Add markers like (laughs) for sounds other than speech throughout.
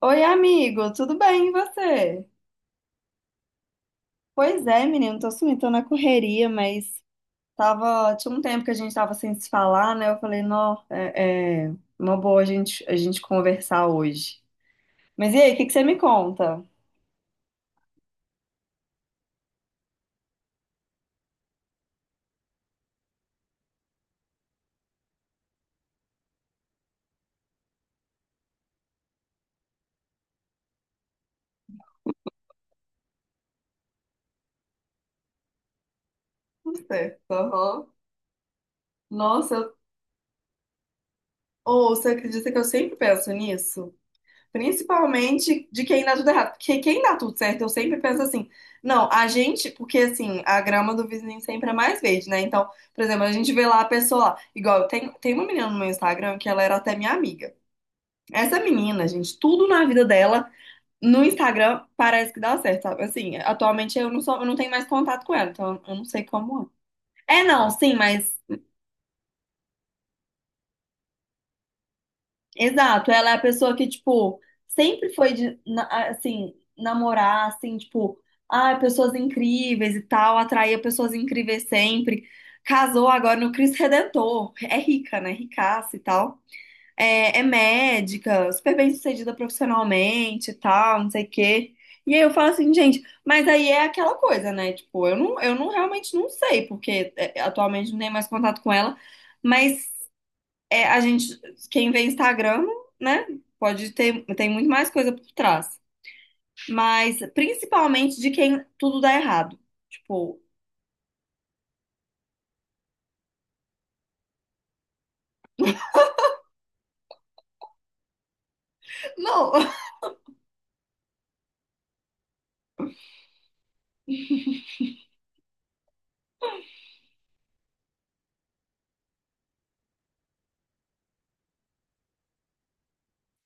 Oi, amigo, tudo bem e você? Pois é, menino, tô sumindo, tô na correria, mas tinha um tempo que a gente tava sem se falar, né? Eu falei, não, é uma boa a gente conversar hoje. Mas e aí, o que que você me conta? Tudo certo, aham. Nossa, ou você acredita que eu sempre penso nisso? Principalmente de quem dá tudo errado. Porque quem dá tudo certo, eu sempre penso assim, não, porque assim, a grama do vizinho sempre é mais verde, né? Então, por exemplo, a gente vê lá a pessoa lá, igual tem uma menina no meu Instagram que ela era até minha amiga. Essa menina, gente, tudo na vida dela no Instagram parece que dá certo, sabe? Assim, atualmente eu não tenho mais contato com ela, então eu não sei como é. É, não, sim, mas. Exato, ela é a pessoa que, tipo, sempre foi de, assim, namorar, assim, tipo, ah, pessoas incríveis e tal, atraía pessoas incríveis sempre. Casou agora no Cristo Redentor, é rica, né? Ricaça e tal. É médica, super bem-sucedida profissionalmente e tal, não sei o quê. E aí eu falo assim, gente, mas aí é aquela coisa, né? Tipo, eu não realmente não sei, porque é, atualmente não tenho mais contato com ela, mas é, quem vê Instagram, né, tem muito mais coisa por trás. Mas principalmente de quem tudo dá errado. Tipo, não, (laughs)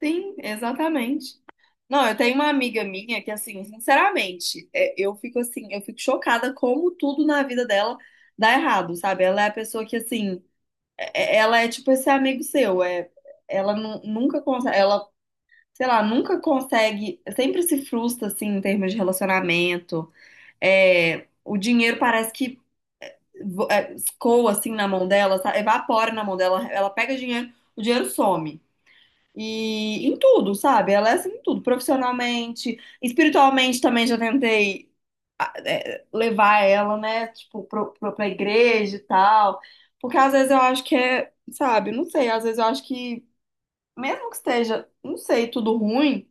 sim, exatamente. Não, eu tenho uma amiga minha que, assim, sinceramente, é, eu fico chocada como tudo na vida dela dá errado, sabe? Ela é a pessoa que, assim, ela é tipo esse amigo seu, é, ela nunca consegue, ela, sei lá, nunca consegue, sempre se frustra, assim, em termos de relacionamento. O dinheiro parece que escoa assim na mão dela, evapora na mão dela, ela pega dinheiro, o dinheiro some. E em tudo, sabe? Ela é assim em tudo, profissionalmente, espiritualmente também já tentei levar ela, né, tipo, pra igreja e tal. Porque às vezes eu acho que sabe, não sei, às vezes eu acho que, mesmo que esteja, não sei, tudo ruim,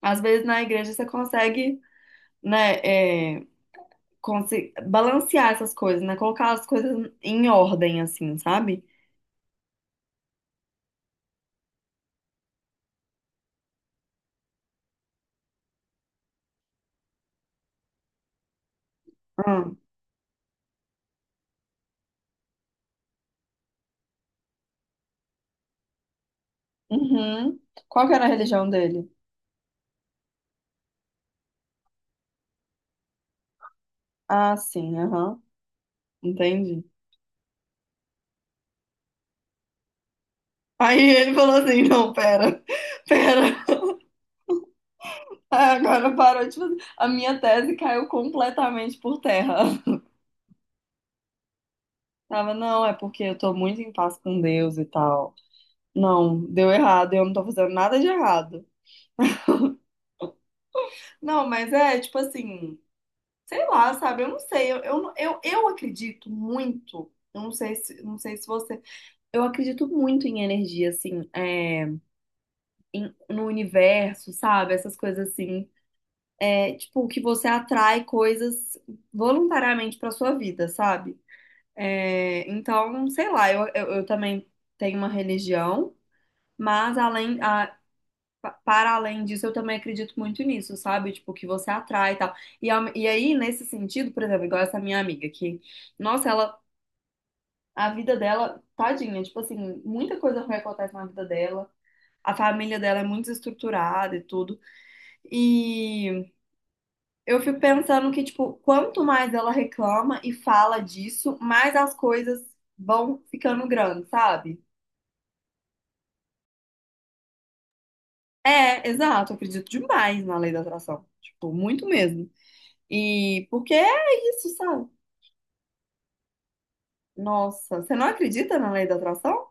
às vezes na igreja você consegue, né, balancear essas coisas, né? Colocar as coisas em ordem, assim, sabe? Ah, uhum. Qual que era a religião dele? Ah, sim, aham. Entendi. Aí ele falou assim, não, pera, (laughs) pera. Aí agora parou, tipo, a minha tese caiu completamente por terra. (laughs) Tava, não, é porque eu tô muito em paz com Deus e tal. Não, deu errado, eu não tô fazendo nada de errado. Não, mas é, tipo assim, sei lá, sabe? Eu não sei. Eu acredito muito. Eu não sei se, Não sei se você. Eu acredito muito em energia, assim, no universo, sabe? Essas coisas assim. É tipo que você atrai coisas voluntariamente pra sua vida, sabe? É, então, sei lá, eu também tenho uma religião, mas para além disso, eu também acredito muito nisso, sabe? Tipo, que você atrai e tal. E aí, nesse sentido, por exemplo, igual essa minha amiga que. Nossa, ela A vida dela, tadinha, tipo assim, muita coisa ruim acontece na vida dela. A família dela é muito estruturada e tudo. E eu fico pensando que, tipo, quanto mais ela reclama e fala disso, mais as coisas vão ficando grandes, sabe? É, exato, eu acredito demais na lei da atração. Tipo, muito mesmo. E porque é isso, sabe? Nossa, você não acredita na lei da atração?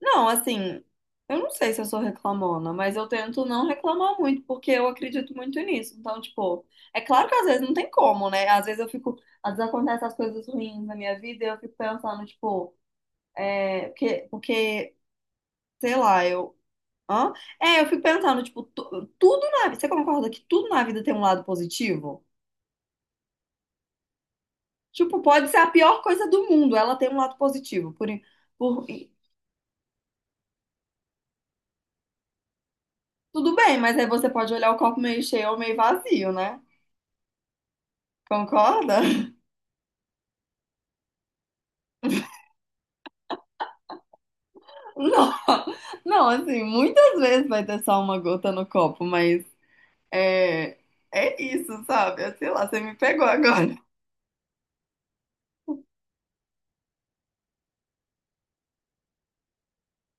Não, assim, eu não sei se eu sou reclamona, mas eu tento não reclamar muito, porque eu acredito muito nisso. Então, tipo, é claro que às vezes não tem como, né? Às vezes acontecem as coisas ruins na minha vida e eu fico pensando, tipo, é, porque, sei lá, eu. Hã? É, eu fico pensando, tipo, tudo na vida. Você concorda que tudo na vida tem um lado positivo? Tipo, pode ser a pior coisa do mundo, ela tem um lado positivo. Por, Tudo bem, mas aí você pode olhar o copo meio cheio ou meio vazio, né? Concorda? Não, não, assim, muitas vezes vai ter só uma gota no copo, mas é, é isso, sabe? É, sei lá, você me pegou agora. (laughs)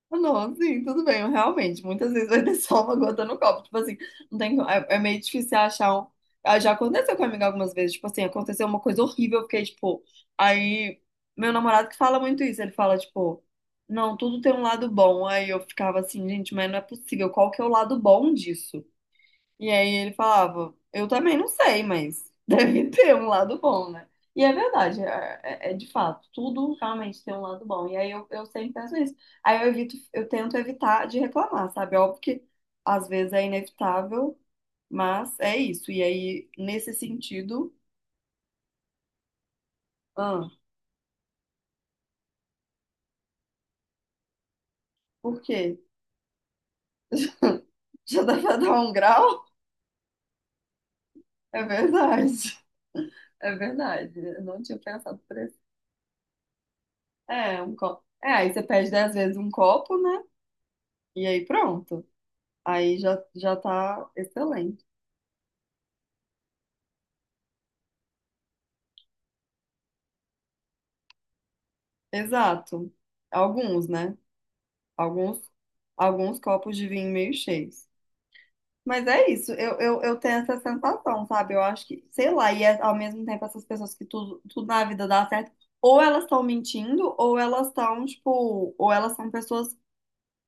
Ah, não, sim, tudo bem, realmente, muitas vezes vai ter só uma gota no copo. Tipo assim, não tem, co- é, é meio difícil achar um. Ah, já aconteceu comigo algumas vezes, tipo assim, aconteceu uma coisa horrível, eu fiquei, tipo, aí meu namorado que fala muito isso, ele fala, tipo, não, tudo tem um lado bom. Aí eu ficava assim, gente, mas não é possível, qual que é o lado bom disso? E aí ele falava, eu também não sei, mas deve (laughs) ter um lado bom, né? E é verdade, é de fato, tudo realmente tem um lado bom. E aí eu sempre penso nisso. Aí eu tento evitar de reclamar, sabe? É óbvio que às vezes é inevitável, mas é isso. E aí, nesse sentido, ah, por quê? (laughs) Já dá pra dar um grau? É verdade. (laughs) É verdade. Eu não tinha pensado por esse. É, um copo. É, aí você pede 10 vezes um copo, né? E aí pronto. Aí já tá excelente. Exato. Alguns, né? Alguns, alguns copos de vinho meio cheios. Mas é isso, eu tenho essa sensação, sabe? Eu acho que, sei lá, e ao mesmo tempo essas pessoas que tudo na vida dá certo, ou elas estão mentindo, ou ou elas são pessoas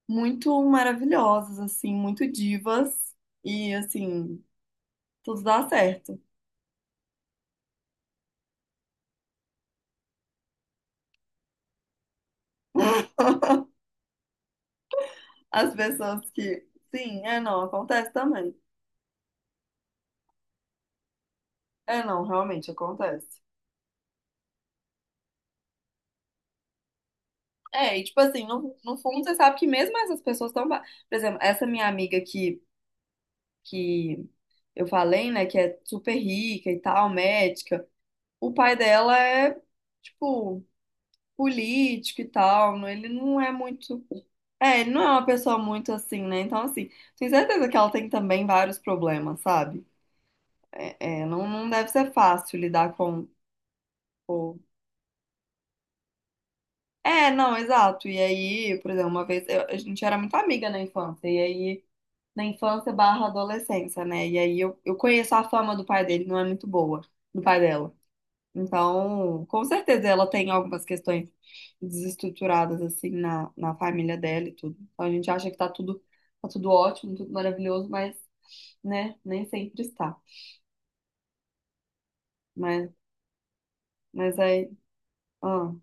muito maravilhosas, assim, muito divas, e assim, tudo dá certo. As pessoas que, sim, é não, acontece também. É não, realmente acontece. É, e tipo assim, no fundo você sabe que mesmo essas pessoas estão. Por exemplo, essa minha amiga que eu falei, né, que é super rica e tal, médica, o pai dela é, tipo, político e tal, ele não é muito. É, ele não é uma pessoa muito assim, né? Então, assim, tenho certeza que ela tem também vários problemas, sabe? É, não, não deve ser fácil lidar com. É, não, exato. E aí, por exemplo, uma vez a gente era muito amiga na infância, e aí. Na infância barra adolescência, né? E aí eu conheço a fama do pai dele, não é muito boa, do pai dela. Então, com certeza ela tem algumas questões desestruturadas, assim, na família dela e tudo. Então a gente acha que tá tudo ótimo, tudo maravilhoso, mas, né, nem sempre está. Mas, mas aí, ah,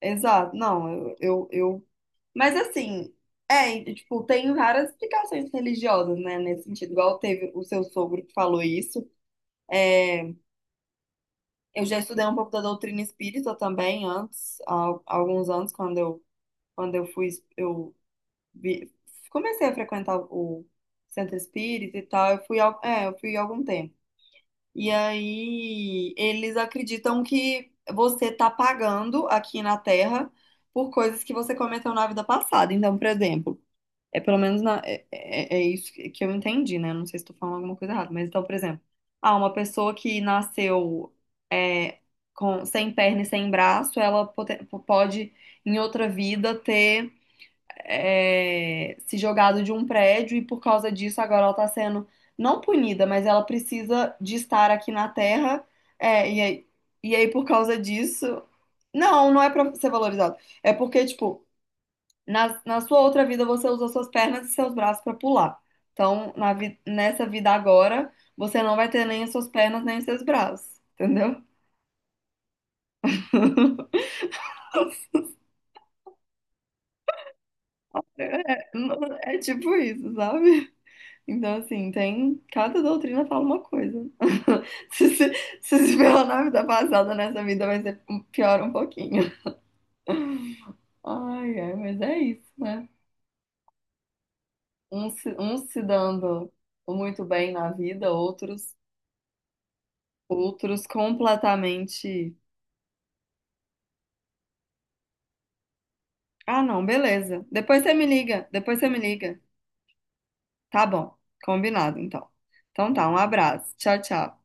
exato, não, mas assim, e, tipo, tem várias explicações religiosas, né, nesse sentido, igual teve o seu sogro que falou isso, É, eu já estudei um pouco da doutrina espírita também antes, há alguns anos, quando eu fui, eu vi- comecei a frequentar o centro espírita e tal, eu fui, eu fui há algum tempo. E aí eles acreditam que você tá pagando aqui na Terra por coisas que você cometeu na vida passada. Então, por exemplo, é pelo menos é isso que eu entendi, né? Não sei se estou falando alguma coisa errada, mas então, por exemplo, ah, uma pessoa que nasceu é, sem perna e sem braço, ela pode, em outra vida, ter se jogado de um prédio e por causa disso agora ela está sendo não punida, mas ela precisa de estar aqui na Terra, é, e aí, e aí por causa disso. Não, não é para ser valorizado. É porque, tipo. Na sua outra vida, você usa suas pernas e seus braços para pular. Então, nessa vida agora, você não vai ter nem as suas pernas nem os seus braços. Entendeu? (laughs) É, é tipo isso, sabe? Então, assim, tem. Cada doutrina fala uma coisa. (laughs) Se se, se se pela na vida passada, nessa vida vai ser pior um pouquinho. Ai, ai, mas é isso, né? Uns se dando muito bem na vida, outros, completamente. Ah, não, beleza. Depois você me liga, depois você me liga. Tá bom, combinado então. Então tá, um abraço. Tchau, tchau.